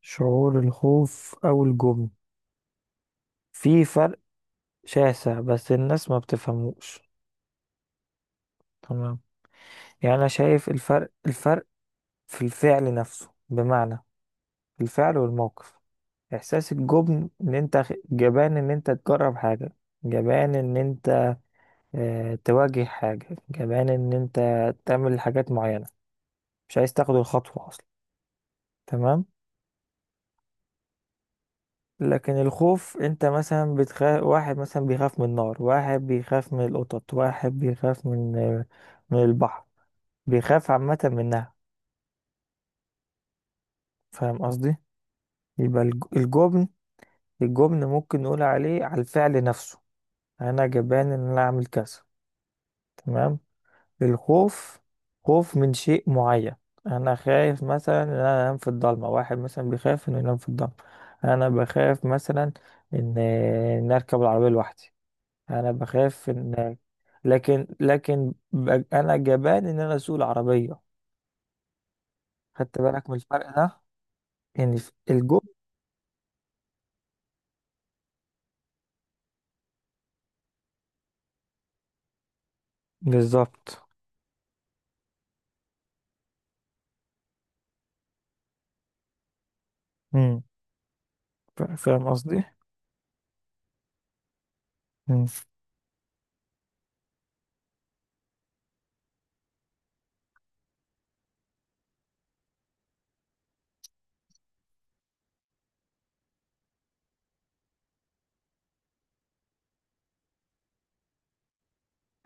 شعور الخوف أو الجبن، في فرق شاسع بس الناس ما بتفهموش. تمام. يعني أنا شايف الفرق في الفعل نفسه، بمعنى في الفعل والموقف. إحساس الجبن إن أنت جبان إن أنت تجرب حاجة، جبان إن أنت تواجه حاجة، جبان إن أنت تعمل حاجات معينة، مش عايز تاخد الخطوة أصلا. تمام. لكن الخوف، انت مثلا بتخاف، واحد مثلا بيخاف من النار، واحد بيخاف من القطط، واحد بيخاف من البحر، بيخاف عامة منها. فاهم قصدي؟ يبقى الجبن، الجبن ممكن نقول عليه على الفعل نفسه. انا جبان ان انا اعمل كذا. تمام. الخوف، خوف من شيء معين. انا خايف مثلا ان انا انام في الضلمة، واحد مثلا بيخاف انه ينام في الضلمة. انا بخاف مثلا ان ان اركب العربية لوحدي. انا بخاف ان انا جبان ان انا اسوق العربيه. خدت بالك من الفرق ده؟ يعني الجو. بالظبط. امم فاهم قصدي؟ امم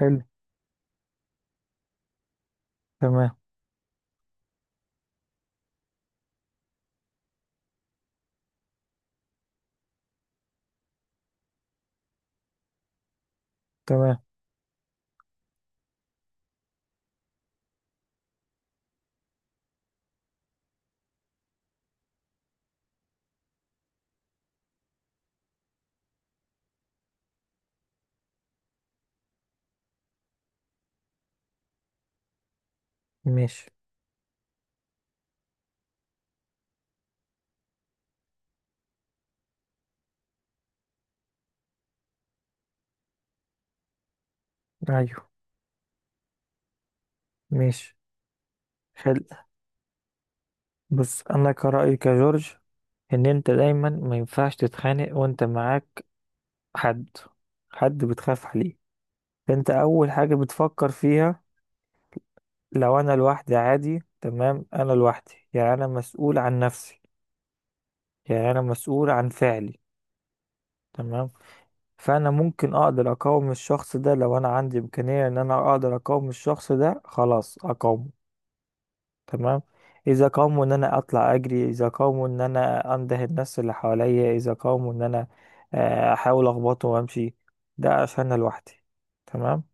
حلو. تمام. تمام. ماشي. ايوه. ماشي. حلو. بس انا كرأيي كجورج، ان انت دايما ما ينفعش تتخانق وانت معاك حد، حد بتخاف عليه. انت اول حاجة بتفكر فيها، لو انا لوحدي عادي. تمام. انا لوحدي، يعني انا مسؤول عن نفسي، يعني انا مسؤول عن فعلي. تمام. فانا ممكن اقدر اقاوم الشخص ده، لو انا عندي امكانية ان انا اقدر اقاوم الشخص ده خلاص اقاومه. تمام. اذا قاوموا، ان انا اطلع اجري، اذا قاوموا ان انا انده الناس اللي حواليا، اذا قاوموا ان انا احاول اخبطه وامشي. ده عشان أنا لوحدي. تمام.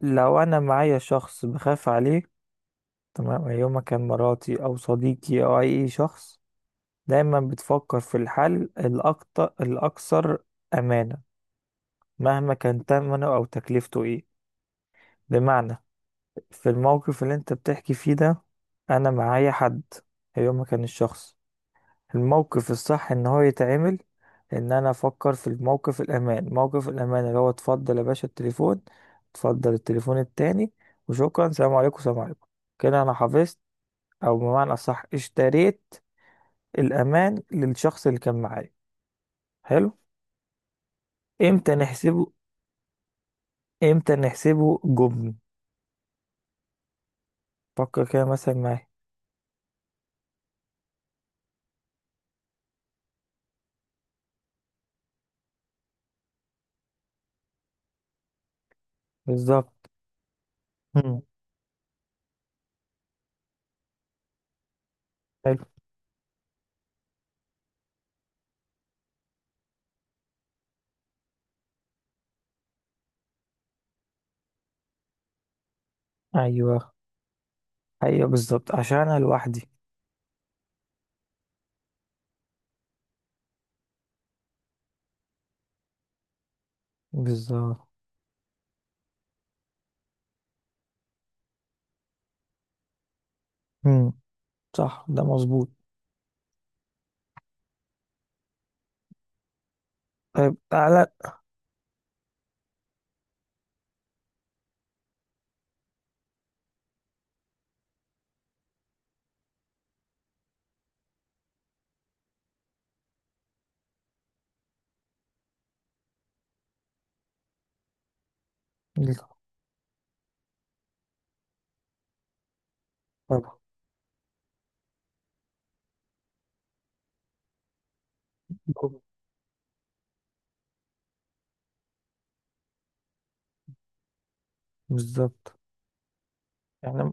لو انا معايا شخص بخاف عليه، تمام، يوم كان مراتي او صديقي او اي شخص، دايما بتفكر في الحل الاكتر الاكثر امانة، مهما كان تمنه أو تكلفته إيه. بمعنى، في الموقف اللي أنت بتحكي فيه ده، أنا معايا حد، هي ما كان الشخص، الموقف الصح إن هو يتعمل، إن أنا أفكر في الموقف الأمان، موقف الأمان اللي هو: اتفضل يا باشا التليفون، اتفضل التليفون التاني، وشكرا، سلام عليكم سلام عليكم. كده أنا حفظت، أو بمعنى أصح اشتريت، الأمان للشخص اللي كان معايا. حلو. إمتى نحسبه؟ إمتى نحسبه جبن؟ فكر كده مثلا معايا. بالظبط. مم. حلو. ايوه. ايوه بالظبط عشان انا لوحدي. بالظبط. مم. صح، ده مظبوط. طيب تعالى. طبعا. بالظبط. يعني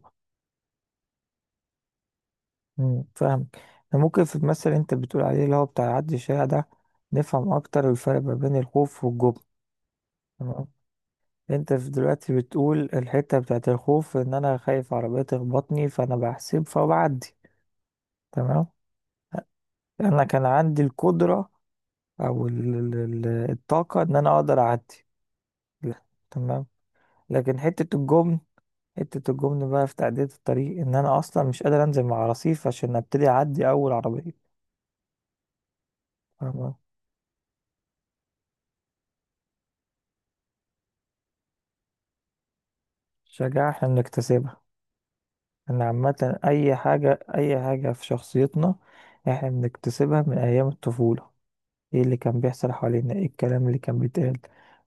فاهمك. يعني ممكن في المثل اللي انت بتقول عليه، اللي هو بتاع عدي الشارع ده، نفهم اكتر الفرق ما بين الخوف والجبن. تمام. انت في دلوقتي بتقول الحتة بتاعت الخوف، ان انا خايف عربية تخبطني، فانا بحسب فبعدي. تمام. انا كان عندي القدرة، او ال- ال- ال- الطاقة ان انا اقدر اعدي. لا. تمام. لكن حتة الجبن، حتة الجبن بقى في تعدية الطريق، ان انا اصلا مش قادر انزل مع رصيف عشان ابتدي اعدي اول عربية. فاهمة؟ شجاعة احنا بنكتسبها. ان عامة اي حاجة، اي حاجة في شخصيتنا، احنا بنكتسبها من ايام الطفولة. ايه اللي كان بيحصل حوالينا، ايه الكلام اللي كان بيتقال،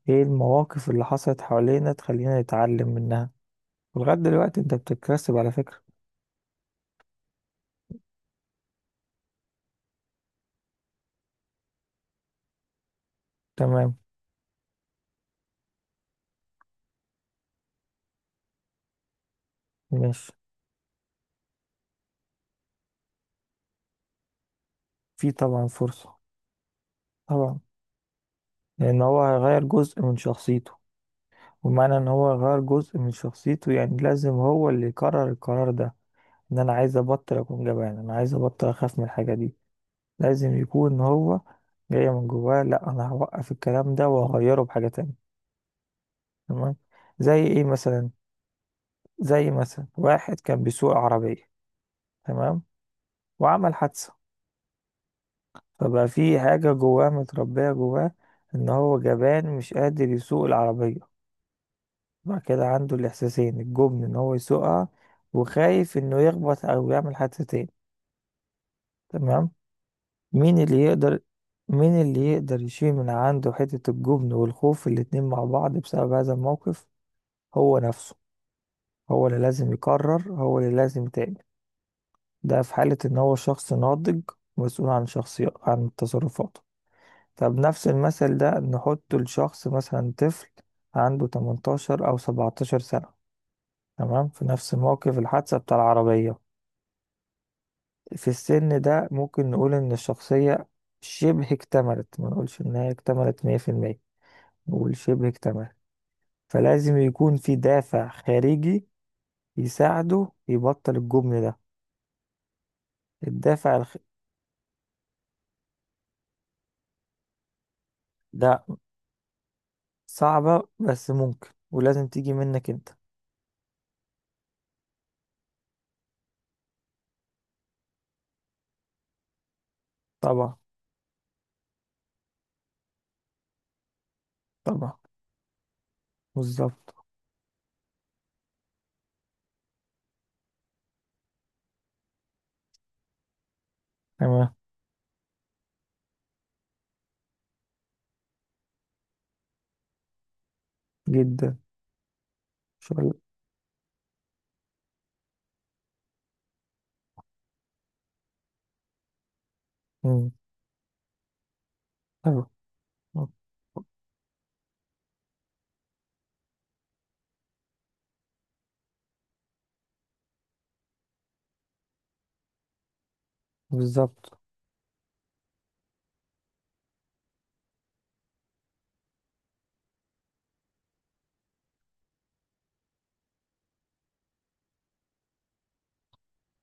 ايه المواقف اللي حصلت حوالينا تخلينا نتعلم منها. ولغاية دلوقتي انت بتكتسب على فكرة. تمام. ماشي. في طبعا فرصة. طبعا. لان هو هيغير جزء من شخصيته، ومعنى ان هو غير جزء من شخصيته يعني لازم هو اللي يقرر القرار ده. ان انا عايز ابطل اكون جبان، انا عايز ابطل اخاف من الحاجة دي، لازم يكون هو جاي من جواه، لا انا هوقف الكلام ده وهغيره بحاجة تانية. تمام. زي ايه مثلا؟ زي مثلا واحد كان بيسوق عربية، تمام، وعمل حادثة، فبقى في حاجة جواه، متربية جواه ان هو جبان مش قادر يسوق العربية. بعد كده عنده الإحساسين، الجبن إن هو يسوقها، وخايف إنه يخبط أو يعمل حادثتين. تمام. مين اللي يقدر، مين اللي يقدر يشيل من عنده حتة الجبن والخوف الاتنين مع بعض بسبب هذا الموقف؟ هو نفسه، هو اللي لازم يقرر، هو اللي لازم يتعمل. ده في حالة إن هو شخص ناضج، مسؤول عن شخصية، عن تصرفاته. طب نفس المثل ده نحطه لشخص مثلا طفل، عنده 18 أو 17 سنة. تمام، في نفس موقف الحادثة بتاع العربية. في السن ده ممكن نقول إن الشخصية شبه اكتملت، ما نقولش إنها اكتملت مية في المية، نقول شبه اكتملت. فلازم يكون في دافع خارجي يساعده يبطل الجبن ده. الدافع ده صعبة بس ممكن، ولازم تيجي منك أنت. طبعا. طبعا. بالظبط. تمام. جدا. شغل. مم. أيوة. بالظبط.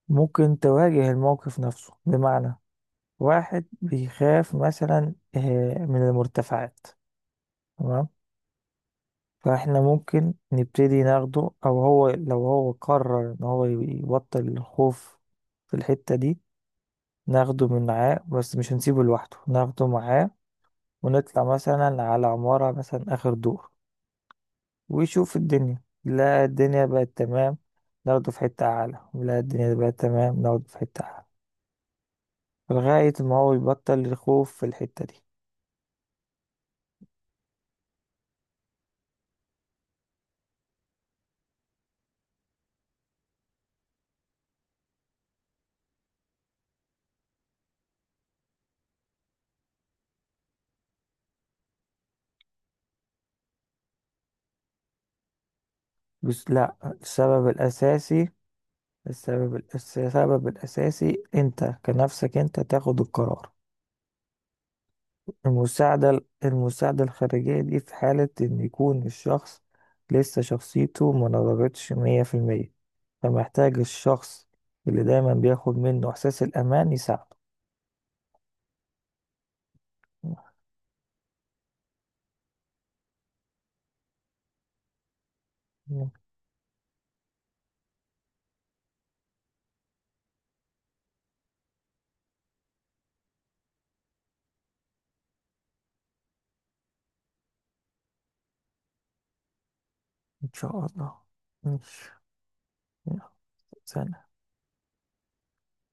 ممكن تواجه الموقف نفسه، بمعنى واحد بيخاف مثلا من المرتفعات. تمام. فاحنا ممكن نبتدي ناخده، او هو لو هو قرر ان هو يبطل الخوف في الحتة دي، ناخده من معاه، بس مش هنسيبه لوحده، ناخده معاه، ونطلع مثلا على عمارة مثلا اخر دور، ويشوف الدنيا، لا الدنيا بقت تمام، ناخده في حتة اعلى، لا الدنيا بقت تمام، ناخده في حتة اعلى، لغاية ما هو يبطل الخوف في الحتة دي. بس لا، السبب الاساسي، السبب الأساسي أنت كنفسك أنت تاخد القرار. المساعدة الخارجية دي في حالة إن يكون الشخص لسه شخصيته ما نضجتش مية في المية، فمحتاج الشخص اللي دايما بياخد منه إحساس الأمان يساعده. مم. إن شاء الله. ماشي. يلا، سلام.